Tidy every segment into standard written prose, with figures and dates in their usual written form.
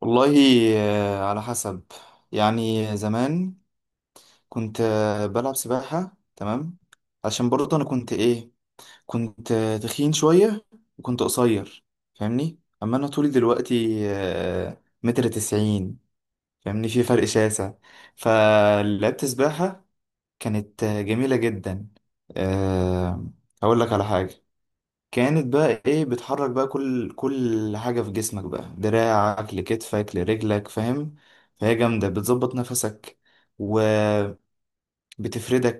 والله. آه، على حسب. زمان كنت بلعب سباحة. تمام، عشان برضه أنا كنت إيه، كنت تخين شوية وكنت قصير. فاهمني؟ أما أنا طولي دلوقتي متر تسعين. فاهمني؟ في فرق شاسع. فلعبت سباحة، كانت جميلة جدا. آه، هقول لك على حاجة. كانت بقى ايه، بتحرك بقى كل حاجة في جسمك، بقى دراعك لكتفك لرجلك. فاهم؟ فهي جامدة، بتظبط نفسك وبتفردك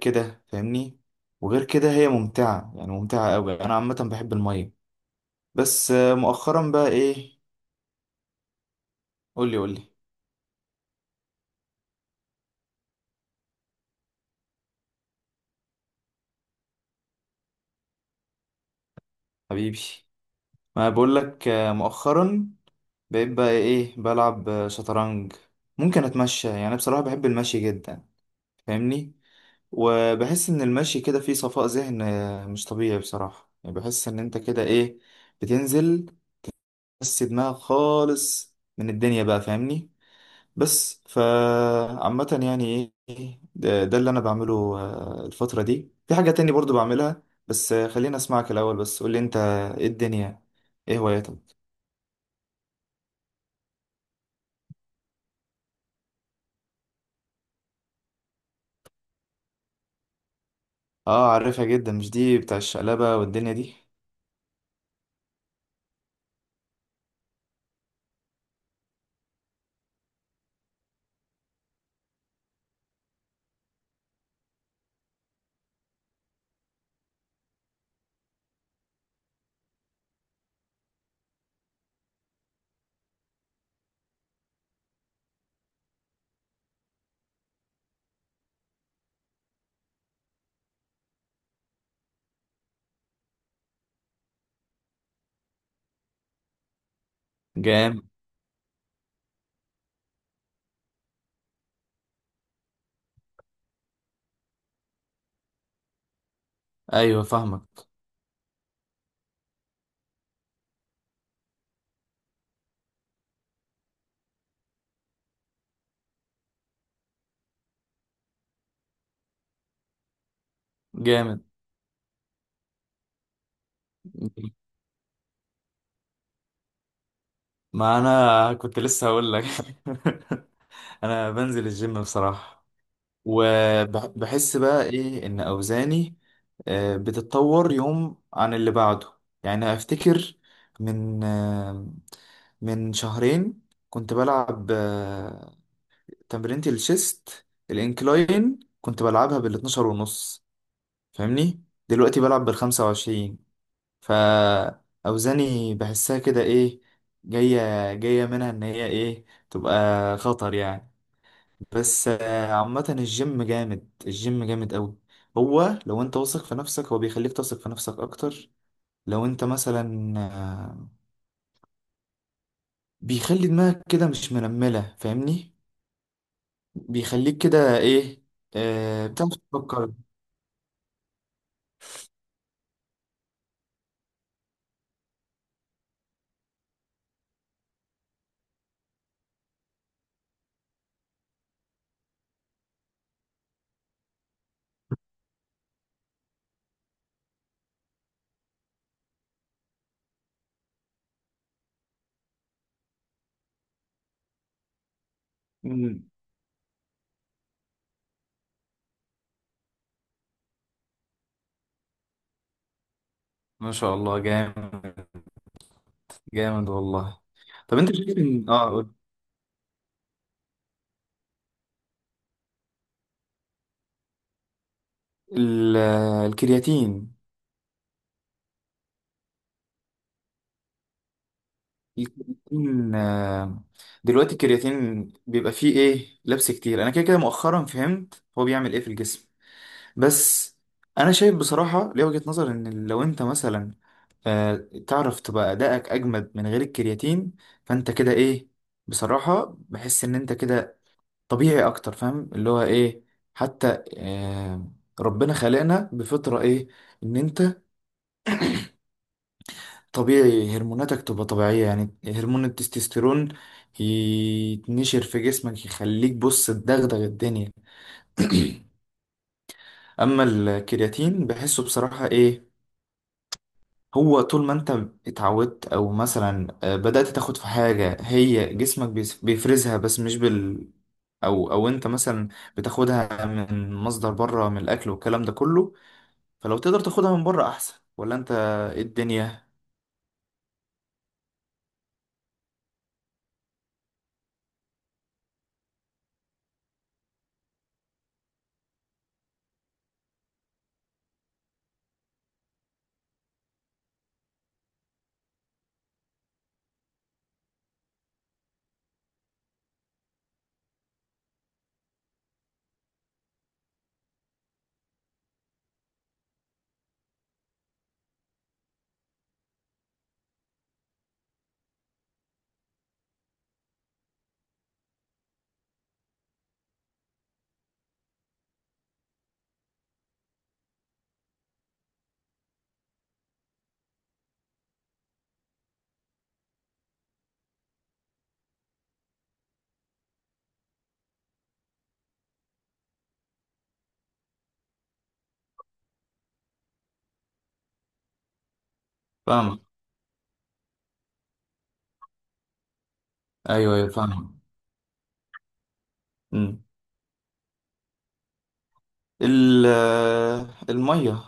كده. فاهمني؟ وغير كده هي ممتعة، يعني ممتعة أوي. أنا عامة بحب المية. بس مؤخرا بقى ايه. قولي قولي. حبيبي، ما بقولك مؤخرا بقيت بقى ايه بلعب شطرنج. ممكن أتمشى. يعني بصراحة بحب المشي جدا. فاهمني؟ وبحس ان المشي كده فيه صفاء ذهن مش طبيعي. بصراحة يعني بحس ان انت كده ايه، بتنزل بس دماغك خالص من الدنيا بقى. فاهمني؟ بس فعامة يعني ايه ده اللي انا بعمله الفترة دي. في حاجة تاني برضو بعملها، بس خليني اسمعك الاول. بس قولي انت، ايه الدنيا، ايه هواياتك. اه عارفها جدا. مش دي بتاع الشقلبة والدنيا دي؟ جامد. ايوه فاهمك. جامد. ما انا كنت لسه هقول لك. انا بنزل الجيم بصراحة، وبحس بقى ايه ان اوزاني بتتطور يوم عن اللي بعده. يعني افتكر من من شهرين كنت بلعب تمرينة الشيست الانكلاين، كنت بلعبها بال 12 ونص. فاهمني؟ دلوقتي بلعب بال 25. فأوزاني بحسها كده إيه، جاية منها إن هي إيه تبقى خطر يعني. بس عامة الجيم جامد، الجيم جامد أوي. هو لو أنت واثق في نفسك هو بيخليك تثق في نفسك أكتر. لو أنت مثلا بيخلي دماغك كده مش منملة. فاهمني؟ بيخليك كده إيه، بتعرف تفكر. مم. ما شاء الله جامد. جامد والله. طب أنت شايف إن آه قول. ال- الكرياتين يكون دلوقتي، الكرياتين بيبقى فيه ايه لبس كتير. انا كده كده مؤخرا فهمت هو بيعمل ايه في الجسم. بس انا شايف بصراحة، ليه وجهة نظر ان لو انت مثلا آه، تعرف تبقى ادائك اجمد من غير الكرياتين، فانت كده ايه، بصراحة بحس ان انت كده طبيعي اكتر. فاهم اللي هو ايه؟ حتى ربنا خلقنا بفطرة ايه، ان انت طبيعي. هرموناتك تبقى طبيعية، يعني هرمون التستوستيرون يتنشر في جسمك يخليك بص تدغدغ الدنيا. اما الكرياتين بحسه بصراحة ايه، هو طول ما انت اتعودت، او مثلا بدأت تاخد في حاجة هي جسمك بيفرزها بس مش بال، او انت مثلا بتاخدها من مصدر بره، من الاكل والكلام ده كله. فلو تقدر تاخدها من بره احسن، ولا انت إيه الدنيا؟ فاهم. ايوه ايوه فاهم. ال- المية.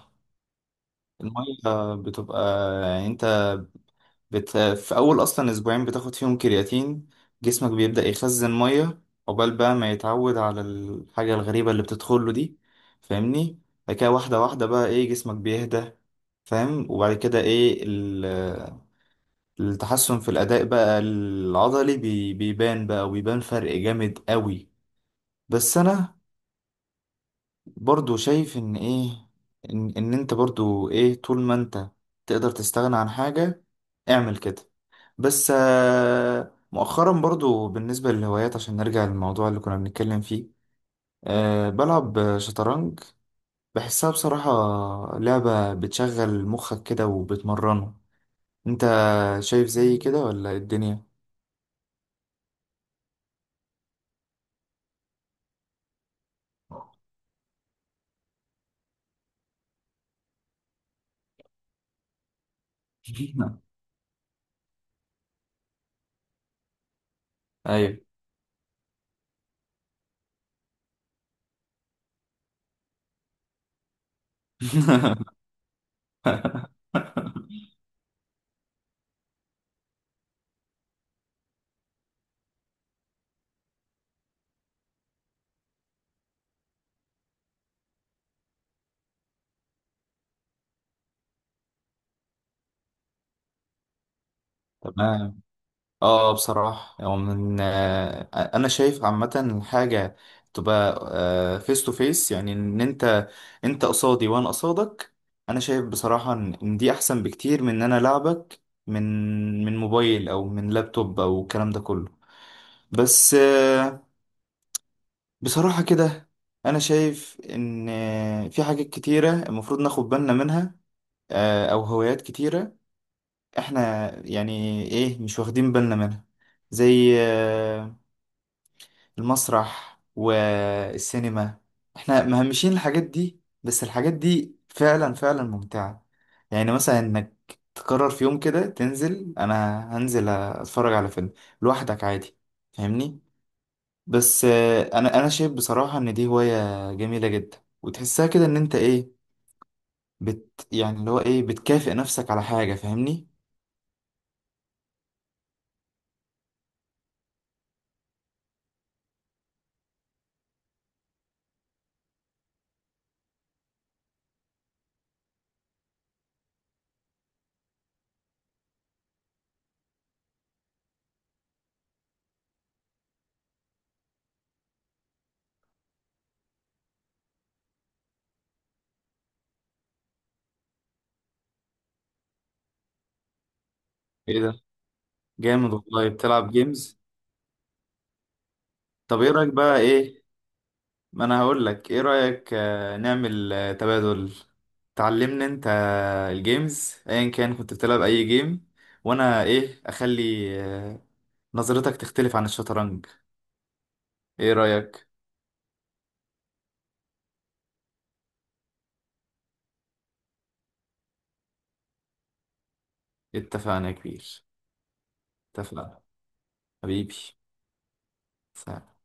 المية بتبقى يعني انت في اول اصلا اسبوعين بتاخد فيهم كرياتين، جسمك بيبدأ يخزن مية عقبال بقى ما يتعود على الحاجة الغريبة اللي بتدخله دي. فاهمني؟ بعد كده واحدة واحدة بقى ايه، جسمك بيهدى. فاهم؟ وبعد كده ايه التحسن في الاداء بقى العضلي بيبان بقى، وبيبان فرق جامد قوي. بس انا برضو شايف ان ايه، ان انت برضو ايه، طول ما انت تقدر تستغنى عن حاجة اعمل كده. بس مؤخرا، برضو بالنسبة للهوايات، عشان نرجع للموضوع اللي كنا بنتكلم فيه، أه بلعب شطرنج. بحسها بصراحة لعبة بتشغل مخك كده وبتمرنه. انت شايف زي كده ولا إيه الدنيا؟ ايوه. تمام. اه بصراحة هو من انا شايف عامة حاجة تبقى فيس تو فيس. يعني ان انت انت قصادي وانا قصادك. انا شايف بصراحة ان إن دي احسن بكتير من ان انا لعبك من موبايل او من لابتوب او الكلام ده كله. بس بصراحة كده انا شايف ان في حاجات كتيرة المفروض ناخد بالنا منها. او هوايات كتيرة احنا يعني ايه مش واخدين بالنا منها، زي المسرح والسينما. احنا مهمشين الحاجات دي، بس الحاجات دي فعلا فعلا ممتعة. يعني مثلا انك تقرر في يوم كده تنزل، انا هنزل اتفرج على فيلم لوحدك عادي. فاهمني؟ بس انا شايف بصراحة ان دي هواية جميلة جدا. وتحسها كده ان انت ايه، بت يعني اللي هو ايه بتكافئ نفسك على حاجة. فاهمني؟ ايه ده، جامد والله. بتلعب جيمز؟ طب ايه رأيك بقى ايه. ما انا هقول لك ايه رأيك نعمل تبادل. تعلمني انت الجيمز، ايا كان كنت بتلعب اي جيم، وانا ايه اخلي آه، نظرتك تختلف عن الشطرنج. ايه رأيك؟ اتفقنا يا كبير. اتفقنا حبيبي. سلام.